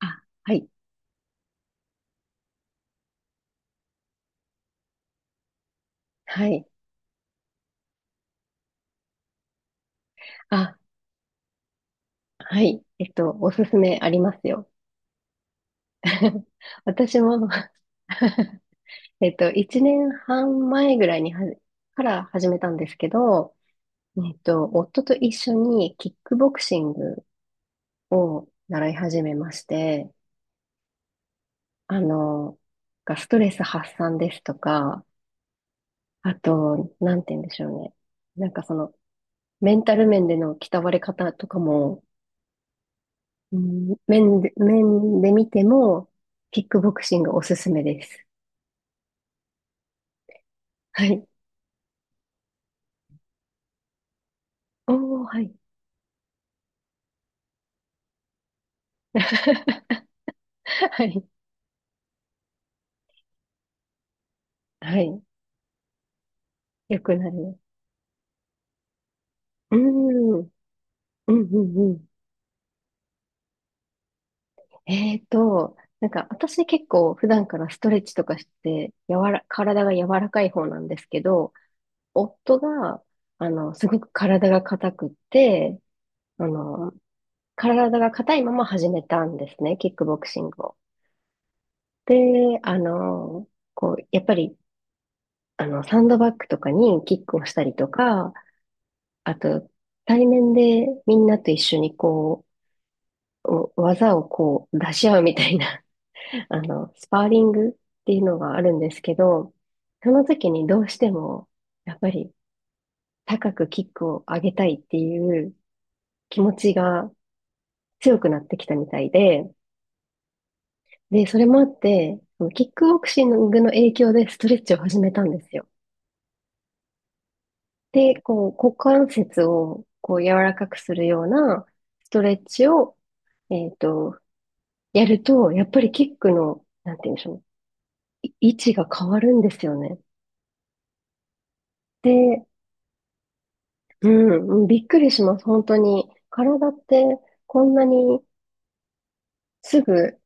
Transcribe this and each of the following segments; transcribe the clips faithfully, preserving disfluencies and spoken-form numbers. あ、はい、はい。あ、はい。えっと、おすすめありますよ。私も えっと、いちねんはん前ぐらいにはじ、から始めたんですけど、えっと、夫と一緒にキックボクシングを習い始めまして、あの、がストレス発散ですとか、あと、なんて言うんでしょうね。なんかその、メンタル面での鍛われ方とかも、うん、面で、面で見ても、キックボクシングおすすめです。はい。おー、はい。はい。はい。よくなる。うん。うん、うん、うん。えーと、なんか私結構普段からストレッチとかして、柔ら、体が柔らかい方なんですけど、夫が、あの、すごく体が硬くって、あの、体が硬いまま始めたんですね、キックボクシングを。で、あの、こう、やっぱりあの、サンドバッグとかにキックをしたりとか、あと、対面でみんなと一緒にこう、お技をこう出し合うみたいな、あの、スパーリングっていうのがあるんですけど、その時にどうしても、やっぱり高くキックを上げたいっていう気持ちが強くなってきたみたいで、で、それもあって、そのキックボクシングの影響でストレッチを始めたんですよ。で、こう、股関節をこう柔らかくするようなストレッチを、えっと、やると、やっぱりキックの、なんて言うんでしょう、い位置が変わるんですよね。で、うん、うんびっくりします、本当に。体ってこんなにすぐ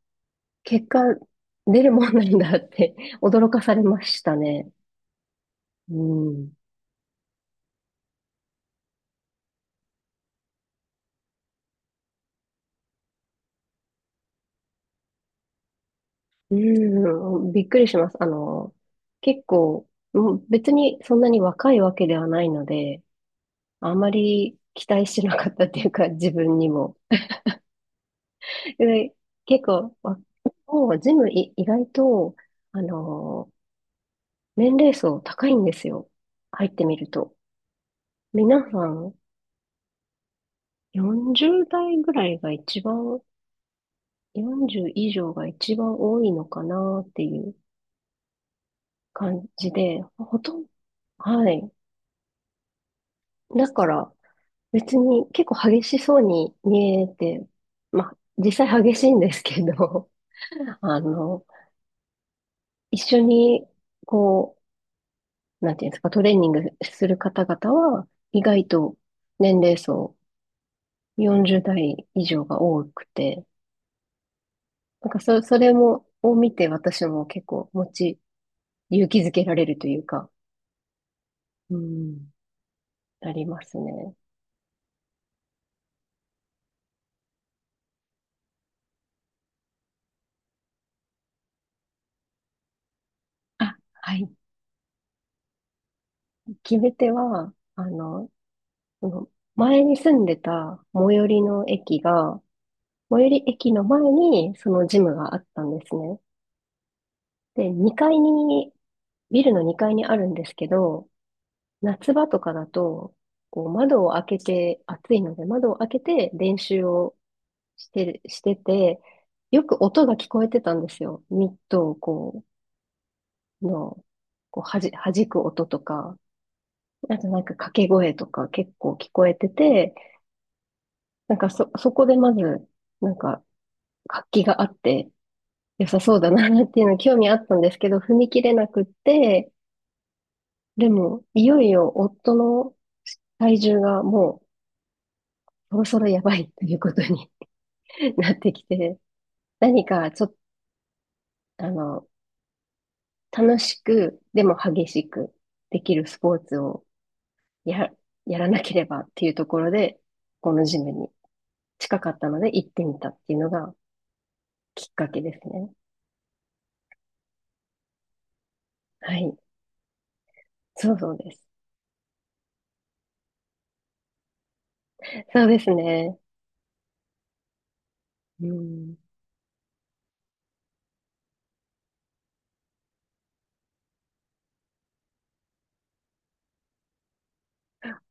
結果出るもんなんだって 驚かされましたね。うん。うん、びっくりします。あの、結構、うん別にそんなに若いわけではないので、あまり期待してなかったっていうか、自分にも。で、結構、わもうジムい意外と、あのー年齢層高いんですよ。入ってみると。皆さんよんじゅう代ぐらいが一番、よんじゅう以上が一番多いのかなっていう感じで、ほとんど、はい。だから別に結構激しそうに見えて、まあ実際激しいんですけど、あの、一緒に、こう、なんていうんですか、トレーニングする方々は、意外と年齢層よんじゅう代以上が多くて、なんかそ、それも、を見て私も結構持ち、勇気づけられるというか、うん、ありますね。あ、はい。決め手は、あの、その前に住んでた最寄りの駅が、最寄り駅の前にそのジムがあったんですね。で、にかいに、ビルのにかいにあるんですけど、夏場とかだと、こう窓を開けて、暑いので窓を開けて練習をしてる、してて、よく音が聞こえてたんですよ。ミットをこう、の、こうはじ、弾く音とか、あとなんか掛け声とか結構聞こえてて、なんかそ、そこでまず、なんか活気があって良さそうだなっていうの興味あったんですけど、踏み切れなくって、でも、いよいよ夫の体重がもう、そろそろやばいということに なってきて、何かちょっと、あの、楽しく、でも激しくできるスポーツをや、やらなければっていうところで、このジムに近かったので行ってみたっていうのがきっかけですね。はい。そうそうです。そうですね。うん。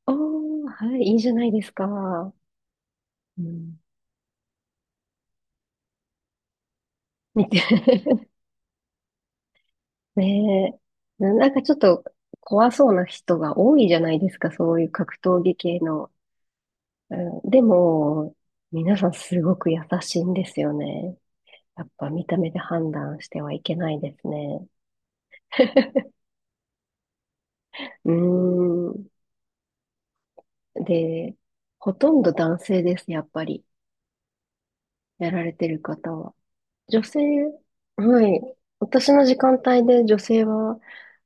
おー、はい、いいじゃないですか。うん。見て。ねえ。ななんかちょっと怖そうな人が多いじゃないですか、そういう格闘技系の。うんでも、皆さんすごく優しいんですよね。やっぱ見た目で判断してはいけないですね。うーん。で、ほとんど男性です、やっぱり。やられてる方は。女性、はい。私の時間帯で女性は、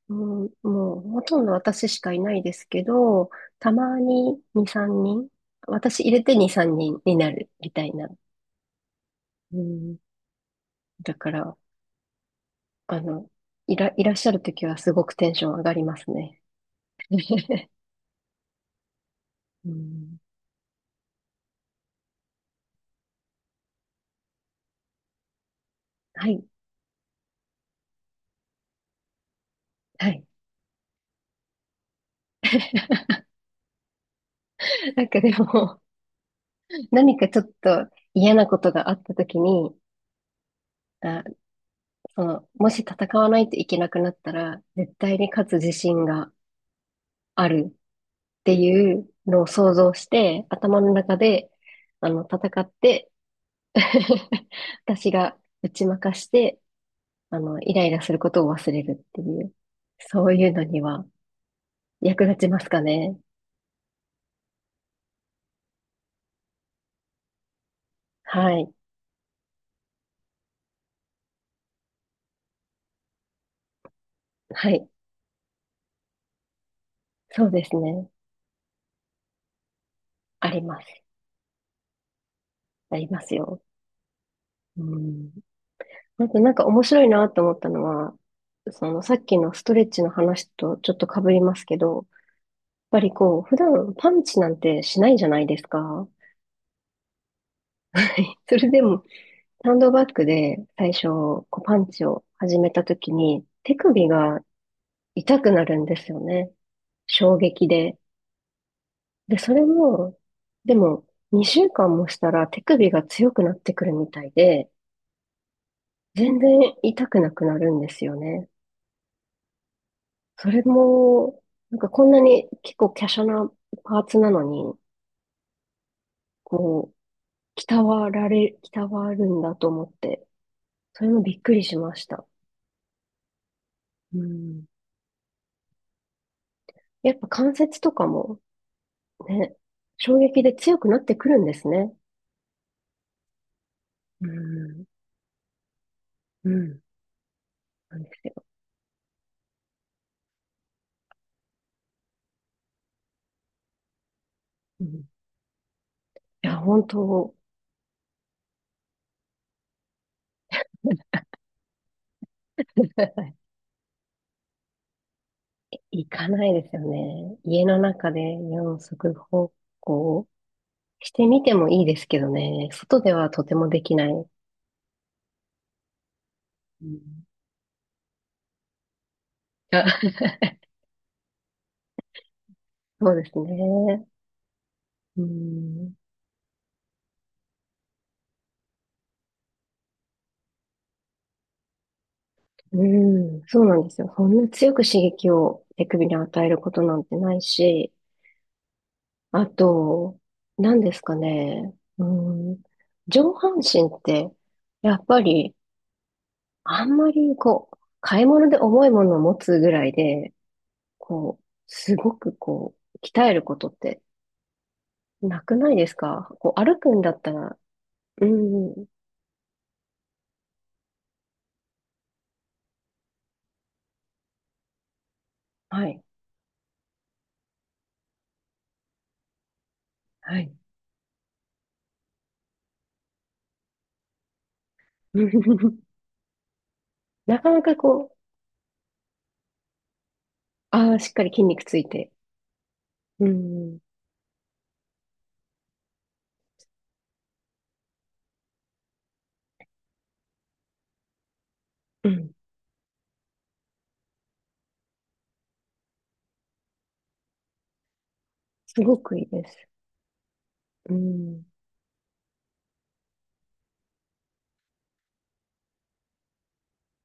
うん、もうほとんど私しかいないですけど、たまにに、さんにん、私入れてに、さんにんにんになるみたいな。うん、だから、あの、いら、いらっしゃるときはすごくテンション上がりますね。うん、はい、はい。なんかでも、何かちょっと嫌なことがあったときに、あ、その、もし戦わないといけなくなったら、絶対に勝つ自信があるっていうのを想像して、頭の中で、あの、戦って、私が打ち負かして、あの、イライラすることを忘れるっていう、そういうのには役立ちますかね。はい。はい。そうですね。あります。ありますよ。うん。あとなんか面白いなと思ったのは、そのさっきのストレッチの話とちょっと被りますけど、やっぱりこう、普段パンチなんてしないじゃないですか。それでも、サンドバッグで最初、こうパンチを始めた時に、手首が痛くなるんですよね。衝撃で。で、それも、でも、にしゅうかんもしたら手首が強くなってくるみたいで、全然痛くなくなるんですよね。それも、なんかこんなに結構華奢なパーツなのに、こう、鍛わられ、鍛わるんだと思って、それもびっくりしました。うん。やっぱ関節とかもね、衝撃で強くなってくるんですね。うん。うん。なんですよ。うん。いや、本当、行かないですよね。家の中で四足歩行してみてもいいですけどね。外ではとてもできない。うん、あ そうですね。うん、うん、そうなんですよ。そんな強く刺激を手首に与えることなんてないし、あと、何ですかね。うん、上半身って、やっぱり、あんまり、こう、買い物で重いものを持つぐらいで、こう、すごく、こう、鍛えることってなくないですかこう、歩くんだったら、うん、はい。はい。なかなかこう、ああ、しっかり筋肉ついて。うん。うん。すごくいいです。うん。